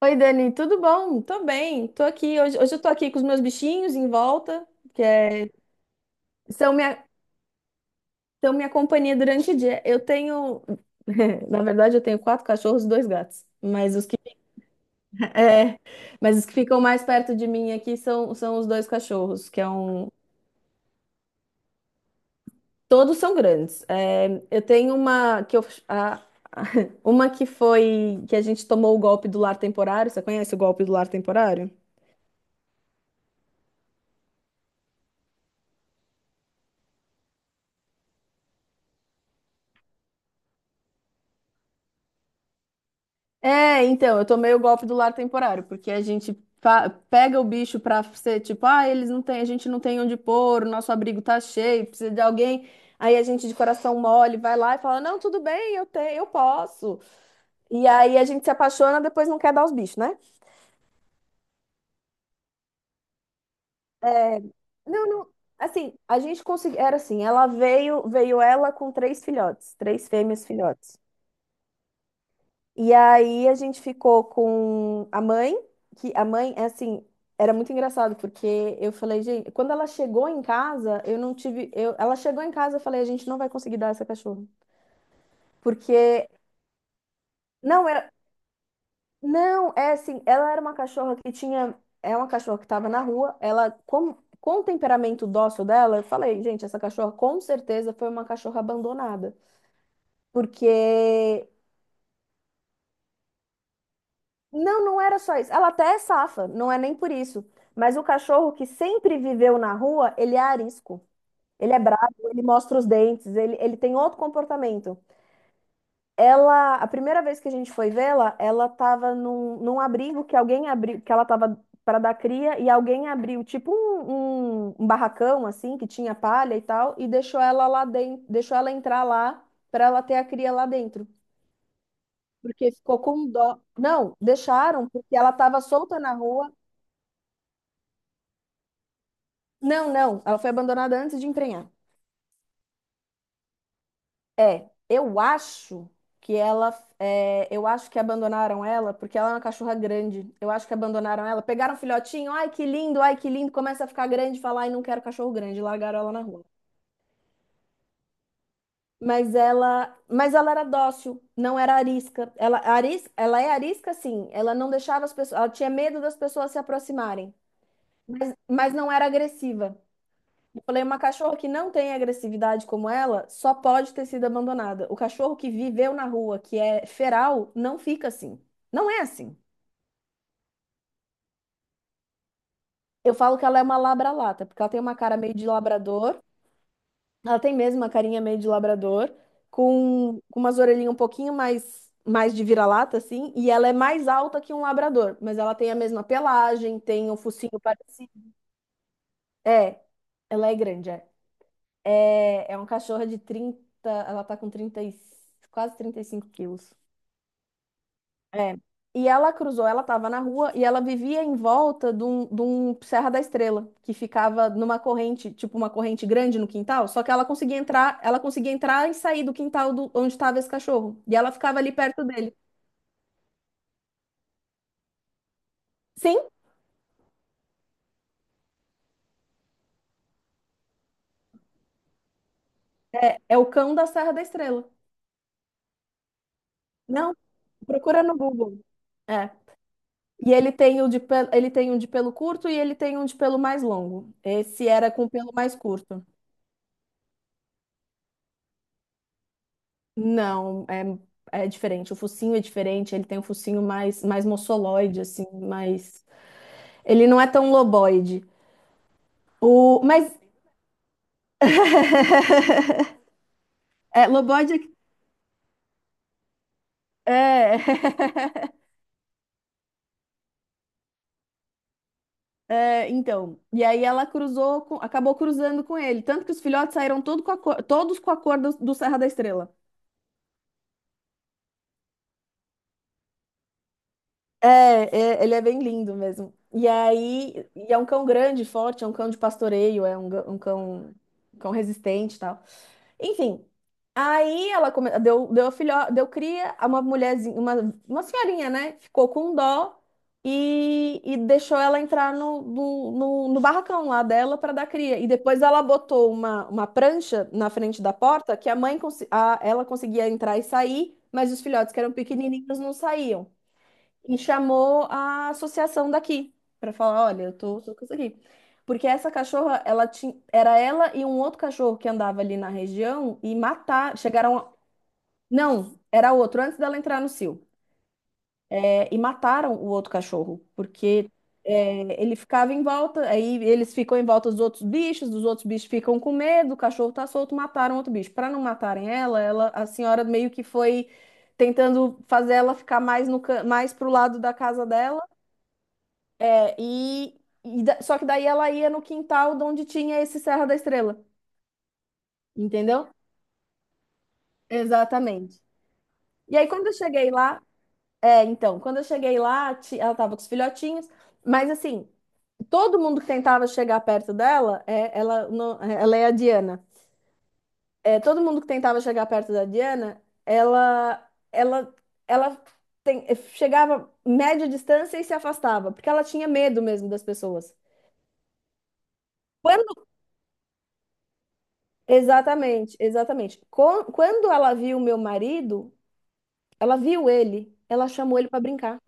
Oi, Dani, tudo bom? Tô bem, tô aqui. Hoje eu tô aqui com os meus bichinhos em volta, que é- são minha, são minha companhia durante o dia. Na verdade, eu tenho 4 cachorros e 2 gatos, mas os que, é, mas os que ficam mais perto de mim aqui são os 2 cachorros, que é um. Todos são grandes. É, eu tenho uma que eu, a- uma que foi que a gente tomou o golpe do lar temporário. Você conhece o golpe do lar temporário? É, então, eu tomei o golpe do lar temporário, porque a gente pega o bicho pra ser tipo, ah, eles não têm, a gente não tem onde pôr, o nosso abrigo tá cheio, precisa de alguém. Aí a gente de coração mole vai lá e fala: "Não, tudo bem, eu tenho, eu posso". E aí a gente se apaixona, depois não quer dar os bichos, né? É, não, não, assim, a gente conseguiu, era assim, ela veio, veio ela com 3 filhotes, 3 fêmeas filhotes. E aí a gente ficou com a mãe, que a mãe, é assim, era muito engraçado, porque eu falei, gente, quando ela chegou em casa, eu não tive. Eu, ela chegou em casa, eu falei, a gente não vai conseguir dar essa cachorra. Porque. Não, era. Não, é assim, ela era uma cachorra que tinha. É uma cachorra que estava na rua, ela. Com o temperamento dócil dela, eu falei, gente, essa cachorra com certeza foi uma cachorra abandonada. Porque não, não era só isso. Ela até é safa, não é nem por isso. Mas o cachorro que sempre viveu na rua, ele é arisco. Ele é bravo, ele mostra os dentes, ele tem outro comportamento. Ela, a primeira vez que a gente foi vê-la, ela estava num abrigo que alguém abriu, que ela estava para dar cria e alguém abriu, tipo um barracão assim, que tinha palha e tal, e deixou ela lá dentro, deixou ela entrar lá para ela ter a cria lá dentro. Porque ficou com dó. Não, deixaram, porque ela estava solta na rua. Não, não. Ela foi abandonada antes de emprenhar. É, eu acho que ela. É, eu acho que abandonaram ela porque ela é uma cachorra grande. Eu acho que abandonaram ela. Pegaram o filhotinho, ai que lindo, ai que lindo. Começa a ficar grande, e fala, ai não quero cachorro grande. Largaram ela na rua. Mas ela era dócil, não era arisca. Ela, ela é arisca, sim. Ela não deixava as pessoas. Ela tinha medo das pessoas se aproximarem, mas não era agressiva. Falei, uma cachorra que não tem agressividade como ela só pode ter sido abandonada. O cachorro que viveu na rua, que é feral, não fica assim. Não é assim. Eu falo que ela é uma labralata, porque ela tem uma cara meio de labrador. Ela tem mesmo uma carinha meio de labrador, com umas orelhinhas um pouquinho mais, mais de vira-lata, assim. E ela é mais alta que um labrador, mas ela tem a mesma pelagem, tem um focinho parecido. É, ela é grande, é. É, é um cachorro de 30. Ela tá com quase 35 quilos. É. E ela cruzou, ela estava na rua e ela vivia em volta de um Serra da Estrela, que ficava numa corrente, tipo uma corrente grande no quintal, só que ela conseguia entrar e sair do quintal do, onde estava esse cachorro. E ela ficava ali perto dele. Sim, é, é o cão da Serra da Estrela. Não, procura no Google. É. E ele tem o de pelo, ele tem um de pelo curto e ele tem um de pelo mais longo. Esse era com pelo mais curto. Não, é, é diferente. O focinho é diferente. Ele tem um focinho mais, mais moçoloide, assim, mais. Ele não é tão loboide. O, mas. É, loboide é. É, é, então. E aí ela cruzou, acabou cruzando com ele. Tanto que os filhotes saíram todos com a cor do, do Serra da Estrela. É, é, ele é bem lindo mesmo. E aí, e é um cão grande, forte, é um cão de pastoreio, é um, um cão resistente e tal. Enfim, aí ela deu cria a uma mulherzinha, uma senhorinha, né? Ficou com dó e deixou ela entrar no barracão lá dela para dar cria. E depois ela botou uma prancha na frente da porta que a mãe, ela conseguia entrar e sair, mas os filhotes que eram pequenininhos não saíam e chamou a associação daqui para falar, olha, eu tô, tô com isso aqui. Porque essa cachorra, ela tinha, era ela e um outro cachorro que andava ali na região e mataram, chegaram a- Não, era outro, antes dela entrar no cio. É, e mataram o outro cachorro, porque é, ele ficava em volta, aí eles ficam em volta dos outros bichos, os outros bichos ficam com medo, o cachorro tá solto, mataram outro bicho. Para não matarem ela, ela, a senhora meio que foi tentando fazer ela ficar mais no, ca- mais pro lado da casa dela. É, E, só que daí ela ia no quintal de onde tinha esse Serra da Estrela, entendeu? Exatamente. E aí quando eu cheguei lá, é, então, quando eu cheguei lá, ela tava com os filhotinhos, mas assim, todo mundo que tentava chegar perto dela, é, ela, ela é a Diana. É, todo mundo que tentava chegar perto da Diana, ela, ela, ela tem- chegava média distância e se afastava, porque ela tinha medo mesmo das pessoas. Quando exatamente, exatamente. Quando ela viu meu marido, ela viu ele, ela chamou ele pra brincar.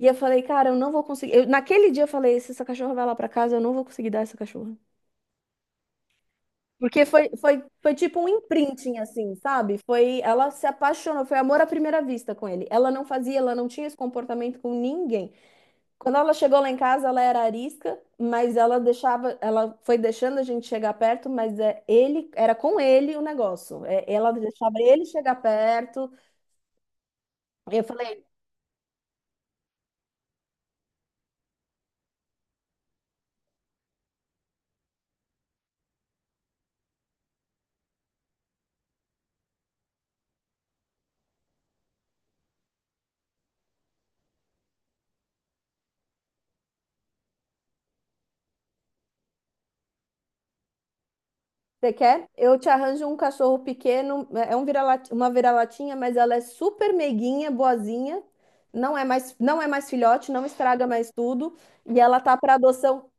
E eu falei, cara, eu não vou conseguir. Naquele dia eu falei, se essa cachorra vai lá pra casa, eu não vou conseguir dar essa cachorra. Porque foi tipo um imprinting, assim, sabe? Foi, ela se apaixonou, foi amor à primeira vista com ele. Ela não fazia, ela não tinha esse comportamento com ninguém. Quando ela chegou lá em casa, ela era arisca, mas ela deixava, ela foi deixando a gente chegar perto, mas é ele, era com ele o negócio. É, ela deixava ele chegar perto. Eu falei, você quer? Eu te arranjo um cachorro pequeno, é um vira-lata, uma vira-latinha, mas ela é super meiguinha, boazinha. Não é mais, não é mais filhote, não estraga mais tudo, e ela tá para adoção.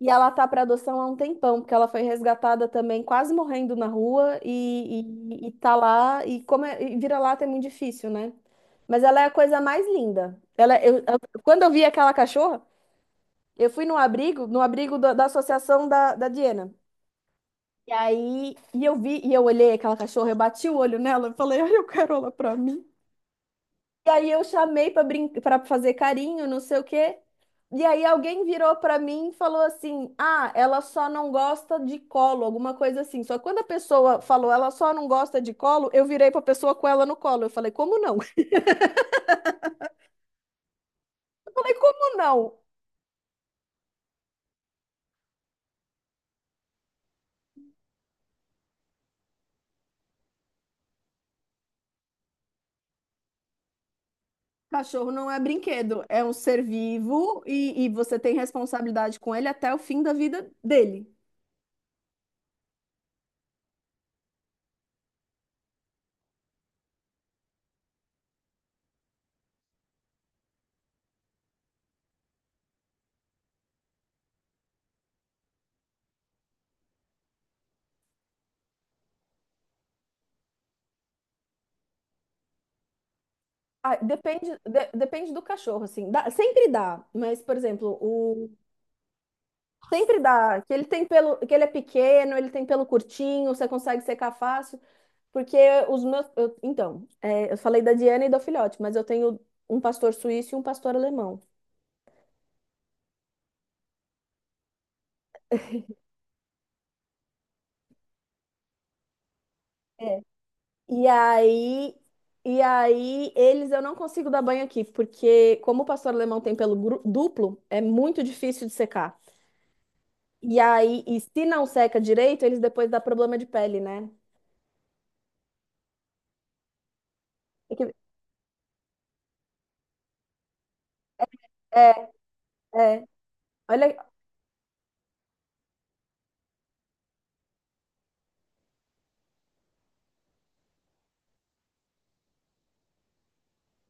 E ela tá para adoção há um tempão, porque ela foi resgatada também, quase morrendo na rua, e, e tá lá, e como é, e vira-lata é muito difícil, né? Mas ela é a coisa mais linda. Ela, é, eu, quando eu vi aquela cachorra, eu fui no abrigo, no abrigo da, da associação da, da Diana. E aí, e eu vi, e eu olhei aquela cachorra, eu bati o olho nela, eu falei, ai, eu quero ela pra mim. E aí eu chamei pra brincar, para fazer carinho, não sei o quê. E aí alguém virou pra mim e falou assim: "Ah, ela só não gosta de colo", alguma coisa assim. Só que quando a pessoa falou: "Ela só não gosta de colo", eu virei pra pessoa com ela no colo. Eu falei: "Como não?" Eu falei: "Como não?" Cachorro não é brinquedo, é um ser vivo e você tem responsabilidade com ele até o fim da vida dele. Ah, depende, depende do cachorro, assim. Dá- sempre dá, mas, por exemplo, o sempre dá, que ele tem pelo, que ele é pequeno, ele tem pelo curtinho, você consegue secar fácil, porque os meus, então, é, eu falei da Diana e do filhote, mas eu tenho um pastor suíço e um pastor alemão. É. E aí, e aí eles eu não consigo dar banho aqui, porque como o pastor alemão tem pelo duplo, é muito difícil de secar. E aí, e se não seca direito, eles depois dá problema de pele, né? É, é. É. Olha,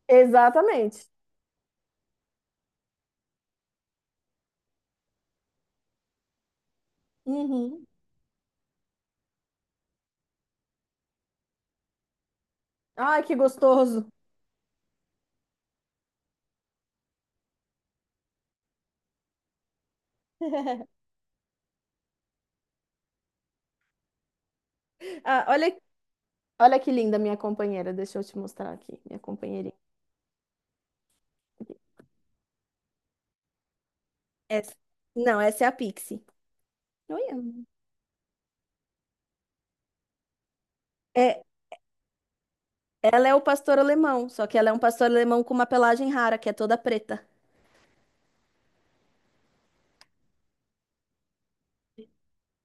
exatamente. Uhum. Ai, que gostoso. Ah, olha, olha que linda minha companheira. Deixa eu te mostrar aqui, minha companheirinha. Essa. Não, essa é a Pixie. Olha. É, ela é o pastor alemão, só que ela é um pastor alemão com uma pelagem rara, que é toda preta.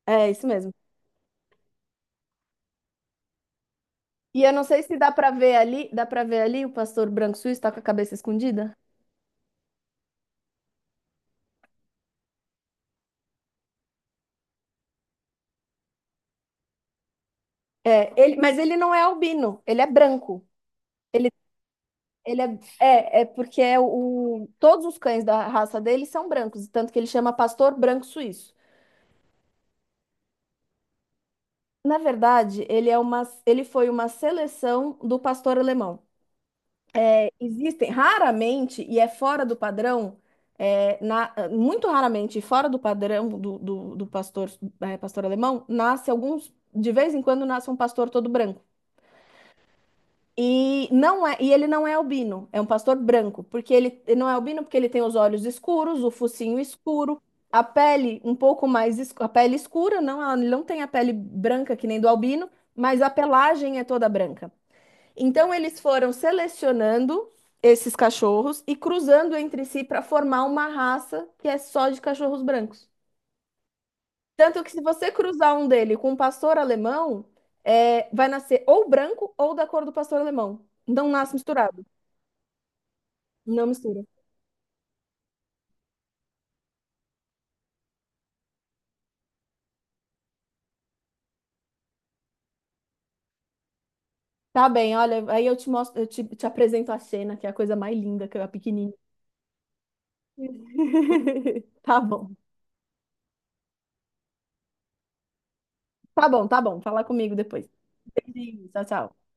É, isso mesmo. E eu não sei se dá pra ver ali, dá pra ver ali o pastor branco suíço tá com a cabeça escondida? É, ele, mas ele não é albino, ele é branco. Ele, ele é, é porque é o, todos os cães da raça dele são brancos, tanto que ele chama pastor branco suíço. Na verdade, ele é uma, ele foi uma seleção do pastor alemão. É, existem raramente, e é fora do padrão, é, muito raramente, fora do padrão do, do, do pastor, é, pastor alemão, nasce alguns, de vez em quando nasce um pastor todo branco. E não é, e ele não é albino, é um pastor branco, porque ele não é albino porque ele tem os olhos escuros, o focinho escuro, a pele um pouco mais escura, a pele escura, não, ele não tem a pele branca que nem do albino, mas a pelagem é toda branca. Então eles foram selecionando esses cachorros e cruzando entre si para formar uma raça que é só de cachorros brancos. Tanto que se você cruzar um dele com um pastor alemão, é, vai nascer ou branco ou da cor do pastor alemão. Não nasce misturado. Não mistura. Tá bem, olha, aí eu te mostro, eu te, te apresento a cena, que é a coisa mais linda, que é a pequenininha. Tá bom. Tá bom, tá bom. Fala comigo depois. Beijinho, tchau, tchau.